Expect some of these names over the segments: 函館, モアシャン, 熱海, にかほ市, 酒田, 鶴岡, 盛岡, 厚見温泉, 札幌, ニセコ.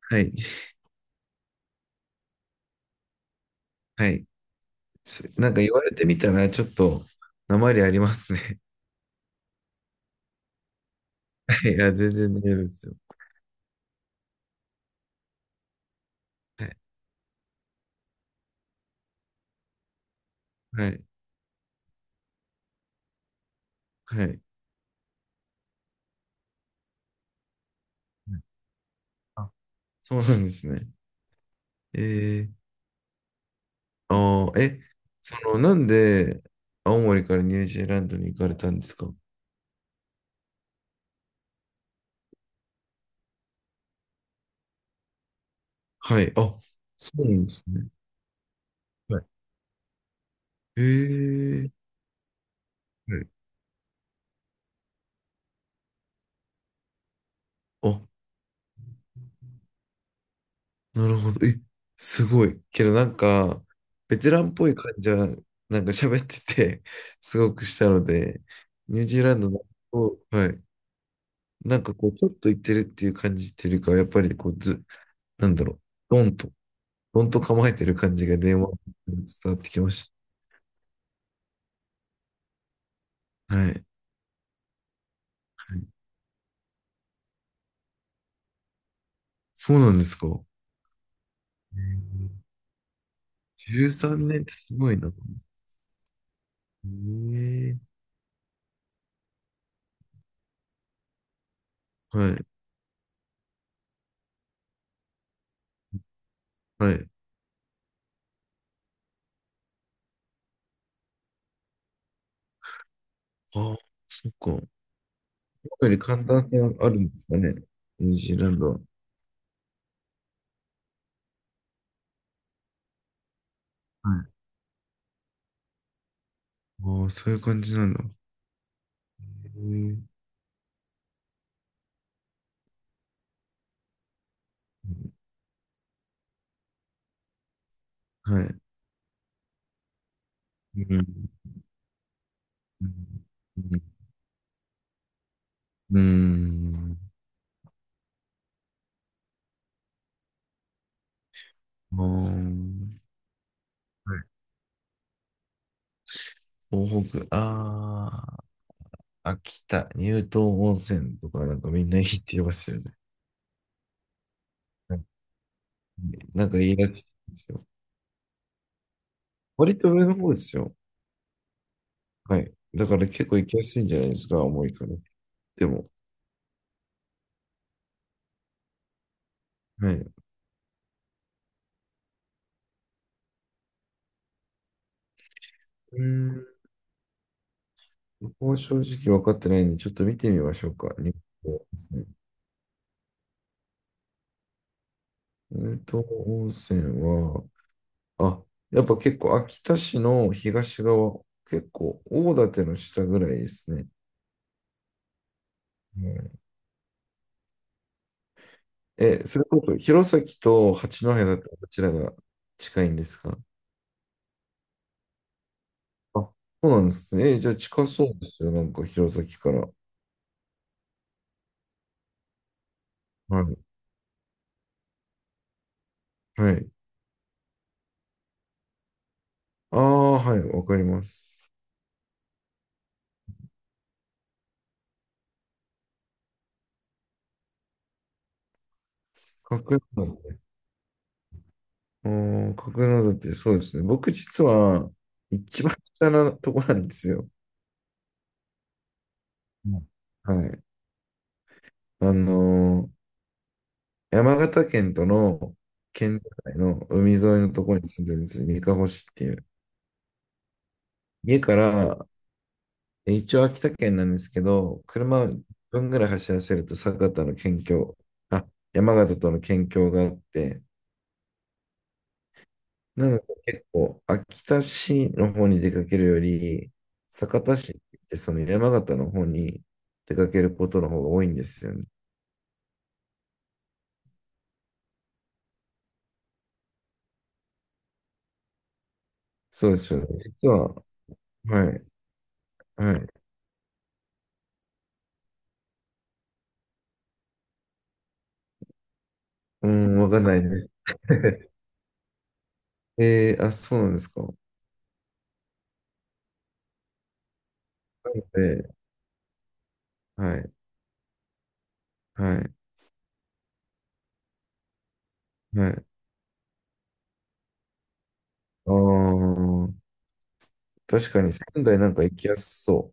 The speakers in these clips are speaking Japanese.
はい。はい。なんか言われてみたら、ちょっと、なまりありますね。はい。いや、全然大丈夫ですよ。はい。はい。はい。あ、そうなんですね。えー、あー、え、その、なんで、青森からニュージーランドに行かれたんですか？はい。あ、そうなんですね。はい。えー、はい。あ、なるほど。すごい。けどなんか、ベテランっぽい感じは、なんか喋ってて、すごくしたので、ニュージーランドの、おはい。なんかこう、ちょっと行ってるっていう感じっていうよりかは、やっぱりこう、ず、なんだろう、ドンと、ドンと構えてる感じが電話に伝わってきました。はい。はい、そうなんですか。えーじゅうさん13年ってすごいな。ええ、はい、はい。ああ、そっか。やっぱり寒暖差あるんですかね、ニュージーランドは。はい。ああ、そういう感じなんだ。へえ、はい。うん。うん。うん。ああ、はい。東北、ああ、秋田、乳頭温泉とかなんかみんないいって言いますよね。はい、なんかいいらしいですよ。割と上の方ですよ。はい。だから結構行きやすいんじゃないですか、重いから。でも、はい。うん。僕も正直分かってないんで、ちょっと見てみましょうか。乳頭温泉。乳頭温泉は、あ、やっぱ結構秋田市の東側、結構大館の下ぐらいですね。うん。え、それこそ弘前と八戸だったらどちらが近いんですか？あ、そうなんですね。え、じゃあ近そうですよ。なんか弘前から。はい。はい。ああ、はい。わかります。角館。うーん、角館、そうですね。僕実は一番下のとこなんですよ。うん、はい。あのー、山形県との県境の海沿いのところに住んでるんですよ。にかほ市っていう。家から、一応秋田県なんですけど、車を1分ぐらい走らせると酒田の県境、あ、山形との県境があって、なので結構秋田市の方に出かけるより、酒田市ってその山形の方に出かけることの方が多いんですよね。そうですよね。実は、はい、はい。うん、わかんないです。あ、そうなんですか。で、はい、はい、はい。ああ、確かに仙台なんか行きやすそ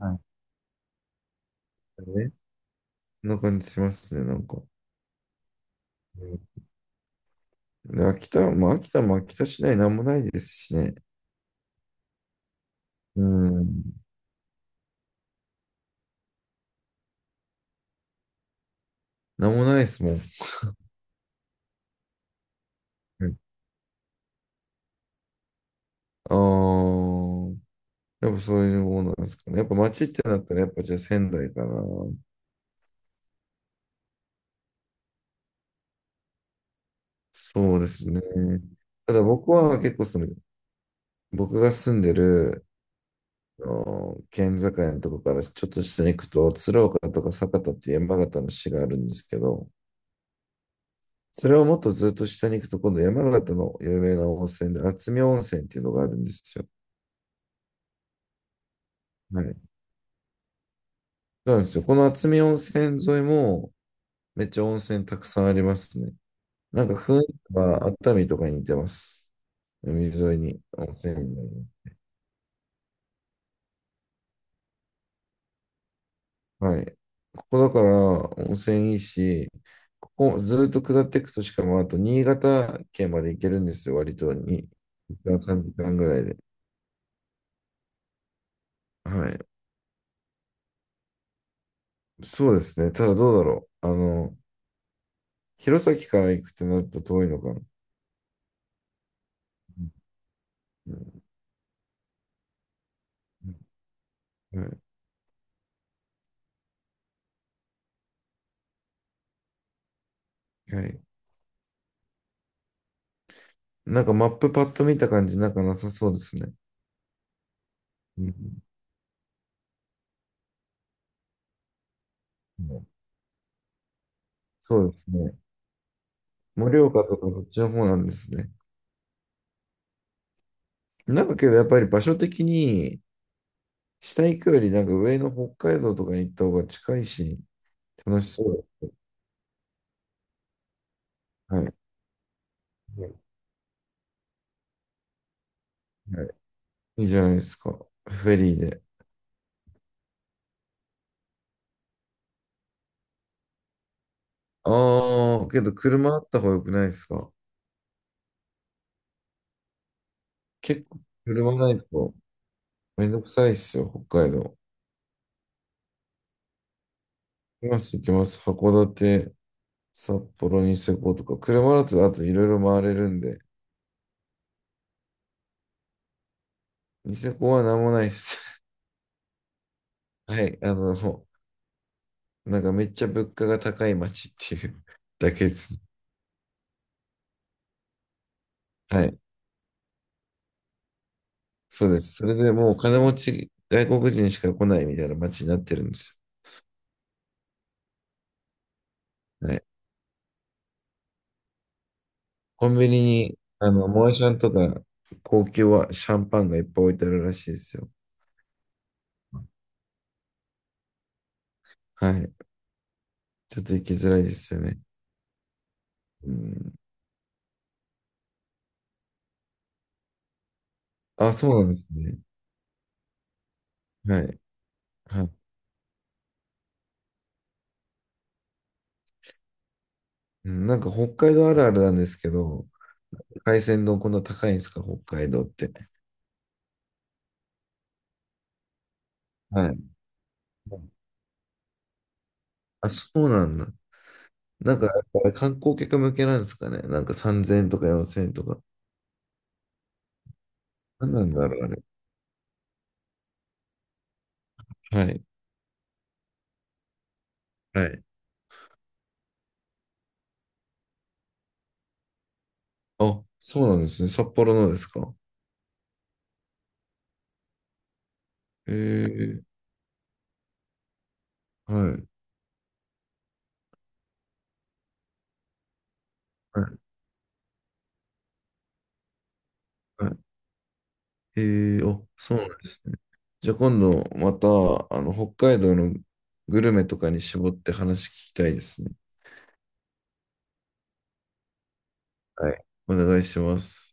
う。はい。う。ね。そんな感じしますね、なんか。うん。で、秋田、まあ、秋田市内なんもないですしね。うん。なんもないですもんね。はい。ああ、やっぱそういうものなんですかね。やっぱ街ってなったら、やっぱじゃあ仙台かな。そうですね。ただ僕は結構僕が住んでる、あの県境のとこからちょっと下に行くと、鶴岡とか酒田っていう山形の市があるんですけど、それをもっとずっと下に行くと、今度山形の有名な温泉で、厚見温泉っていうのがあるんですよ。はい。そうなんですよ。この厚見温泉沿いも、めっちゃ温泉たくさんありますね。なんか雰囲気は熱海とかに似てます。海沿いに温泉になる。はい。ここだから温泉いいし、ここずっと下っていくとしかもあと新潟県まで行けるんですよ、割と2時間、3時間ぐらいで。はい。そうですね。ただどうだろう。弘前から行くってなると遠いのかな。うん、はい。はい。なんかマップパッと見た感じ、なんかなさそうですね。うん、そうですね。盛岡とかそっちの方なんですね。なんかけどやっぱり場所的に、下行くよりなんか上の北海道とかに行った方が近いし、楽しそう。はい。うん、はい。いいじゃないですか。フェリーで。ああ、けど車あった方が良くないですか？結構車ないとめんどくさいっすよ、北海道。行きます、行きます。函館、札幌、ニセコとか。車だとあといろいろ回れるんで。ニセコは何もないっす。はい。もうなんかめっちゃ物価が高い街っていう だけですね。はい。そうです。それでもう金持ち、外国人しか来ないみたいな街になってるんですよ。はい。コンビニに、モアシャンとか、高級はシャンパンがいっぱい置いてあるらしいですよ。はい。ちょっと行きづらいですよね。うん。あ、そうなんですね。はい。はい。うん、なんか北海道あるあるなんですけど、海鮮丼こんな高いんですか、北海道って。はい。あ、そうなんだ。なんか、あれ観光客向けなんですかね。なんか3000円とか4000円とか。なんなんだろう、あれ。はい。はい。あ、そうなんですね。札幌のですか。ええ、はい。はい。はい、へえ、あ、そうなんですね。じゃあ今度また、北海道のグルメとかに絞って話聞きたいですね。はい。お願いします。